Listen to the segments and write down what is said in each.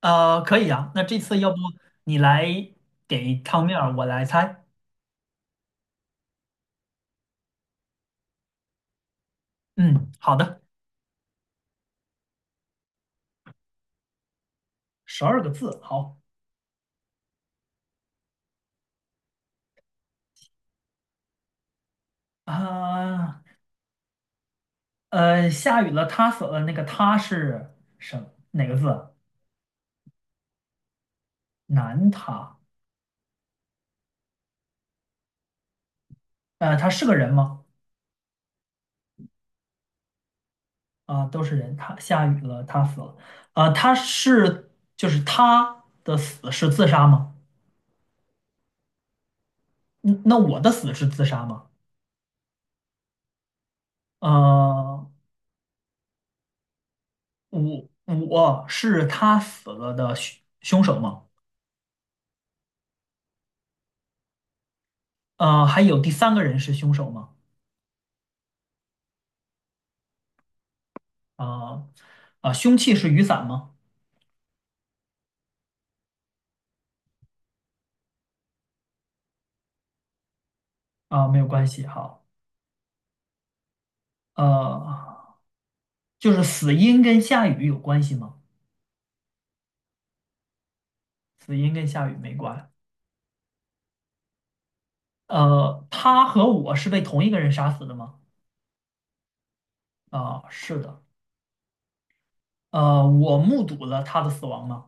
可以啊。那这次要不你来给汤面儿，我来猜。嗯，好的，十二个字。好啊，下雨了，他死了。那个他是哪个字？男他。他是个人吗？啊，都是人。他下雨了，他死了。啊，他是就是他的死是自杀吗？嗯那我的死是自杀吗？呃，我我是他死了的凶手吗？呃，还有第三个人是凶手吗？啊、啊、凶器是雨伞吗？啊、没有关系。好，呃，就是死因跟下雨有关系吗？死因跟下雨没关。他和我是被同一个人杀死的吗？啊、是的。我目睹了他的死亡吗？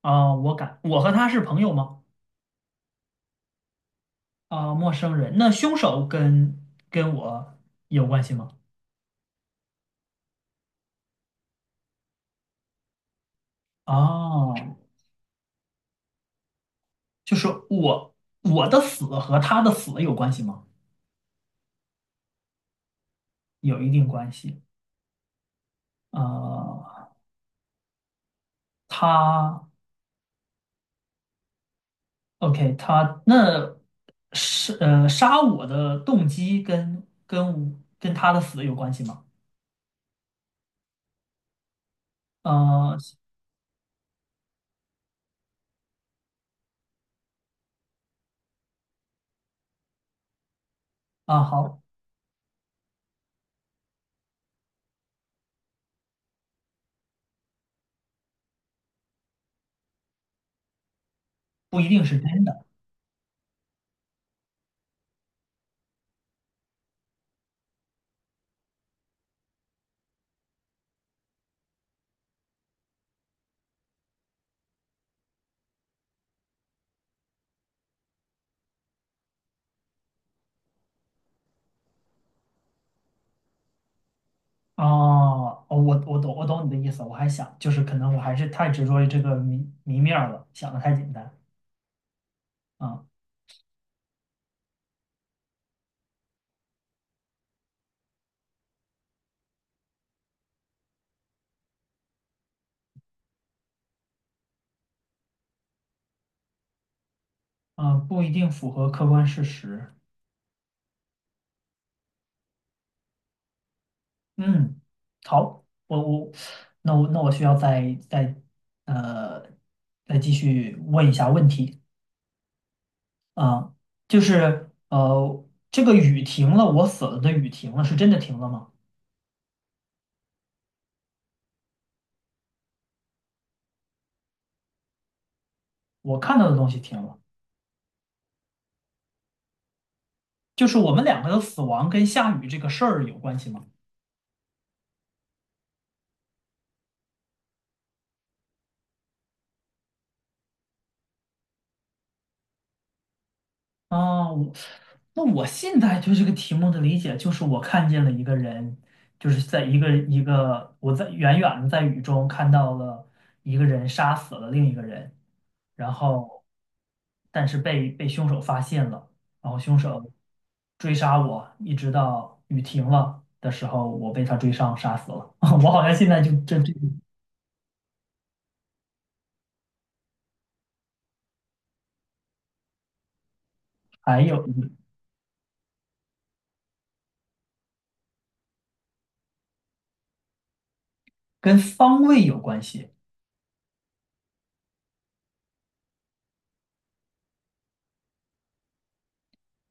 啊、我敢。我和他是朋友吗？啊、陌生人。那凶手跟我有关系吗？哦，就是我的死和他的死有关系吗？有一定关系。呃，他 OK,他那是杀我的动机跟他的死有关系吗？呃啊，好，不一定是真的。哦，我懂我懂你的意思，我还想就是可能我还是太执着于这个谜面儿了，想的太简单啊。啊，不一定符合客观事实。嗯，好，我那我需要再呃再继续问一下问题。啊，就是这个雨停了，我死了的雨停了，是真的停了吗？我看到的东西停了，就是我们两个的死亡跟下雨这个事儿有关系吗？啊，我那我现在对这个题目的理解就是我看见了一个人，就是在一个我在远远的在雨中看到了一个人杀死了另一个人。然后但是被凶手发现了，然后凶手追杀我，一直到雨停了的时候，我被他追上杀死了。我好像现在就这还有一个跟方位有关系，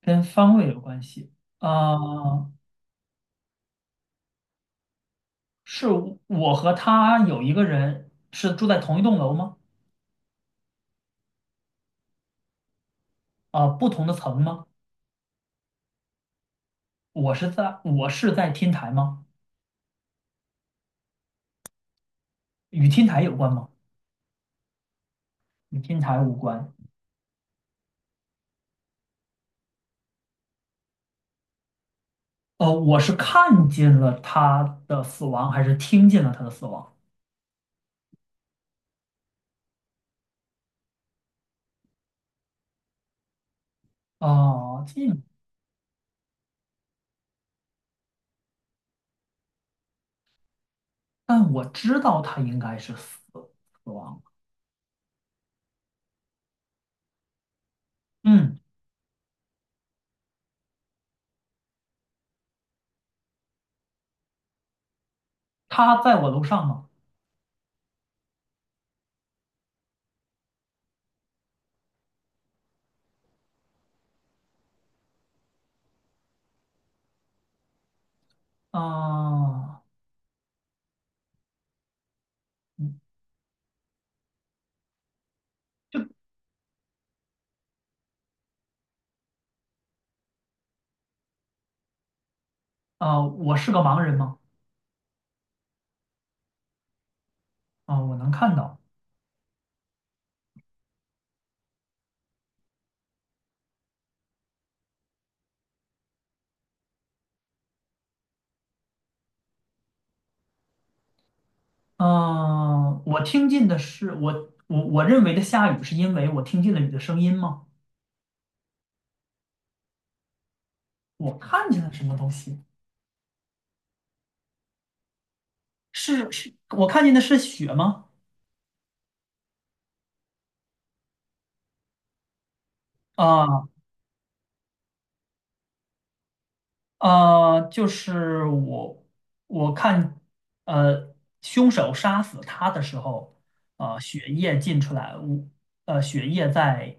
跟方位有关系。呃，是我和他有一个人是住在同一栋楼吗？啊、不同的层吗？我是在天台吗？与天台有关吗？与天台无关。哦，我是看见了他的死亡，还是听见了他的死亡？哦，进，但我知道他应该是死亡了。嗯，他在我楼上吗？啊、嗯。啊、我是个盲人吗？啊、我能看到。嗯、我听见的是我认为的下雨，是因为我听见了雨的声音吗？我看见了什么东西？是，我看见的是雪吗？啊、呃，就是我我看，呃，凶手杀死他的时候，血液进出来，血液在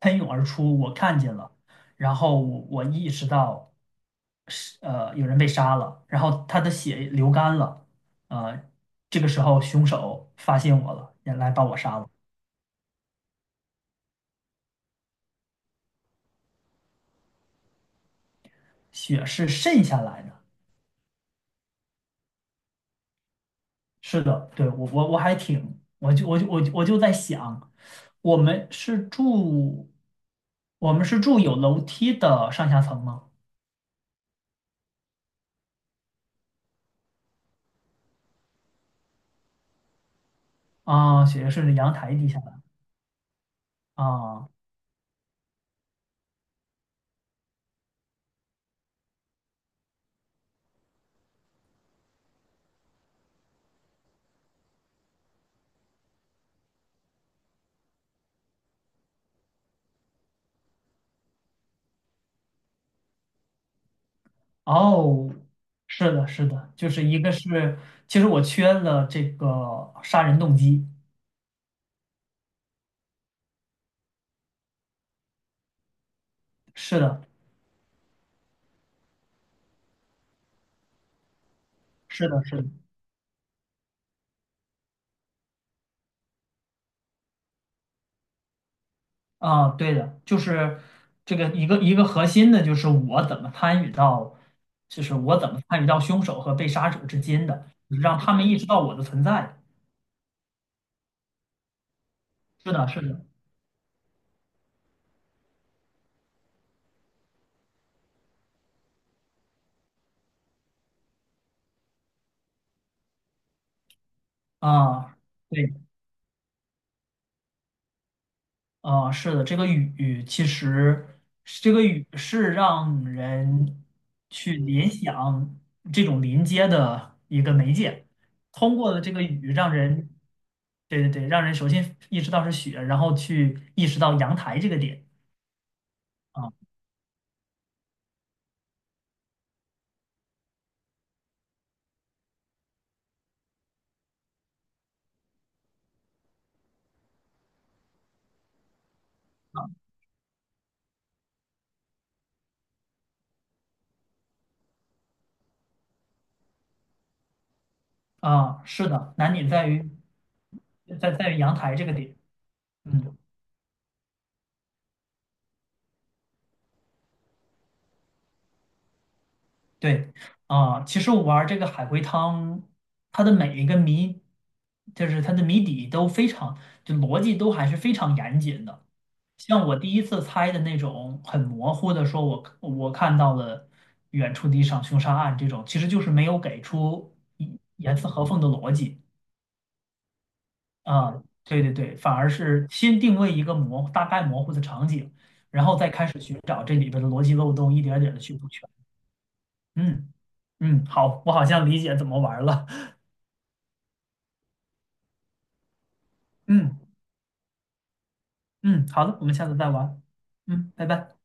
喷涌而出，我看见了，然后我意识到是有人被杀了，然后他的血流干了，呃，这个时候凶手发现我了，也来把我杀了，血是渗下来的。是的，对，我我还挺，我就在想，我们是住，我们是住有楼梯的上下层吗？啊，雪是顺着阳台底下的啊。哦，是的，是的，就是一个是，其实我缺了这个杀人动机，是的，是的，是的，啊，对的，就是这个一个核心的，就是我怎么参与到，就是我怎么参与到凶手和被杀者之间的，让他们意识到我的存在。是的，是的，啊，对，啊，是的，这个雨其实这个雨是让人去联想这种临街的一个媒介，通过了这个雨让人，对对对，让人首先意识到是雪，然后去意识到阳台这个点。啊。啊，是的，难点在于在于阳台这个点。嗯，对，啊，其实我玩这个海龟汤，它的每一个谜，就是它的谜底都非常，就逻辑都还是非常严谨的。像我第一次猜的那种很模糊的，说我看到了远处的一场凶杀案这种，其实就是没有给出一严丝合缝的逻辑。啊，对对对，反而是先定位一个大概模糊的场景，然后再开始寻找这里边的逻辑漏洞，一点点的去补全。嗯。嗯，好，我好像理解怎么玩了。嗯。嗯，好的，我们下次再玩。嗯，拜拜。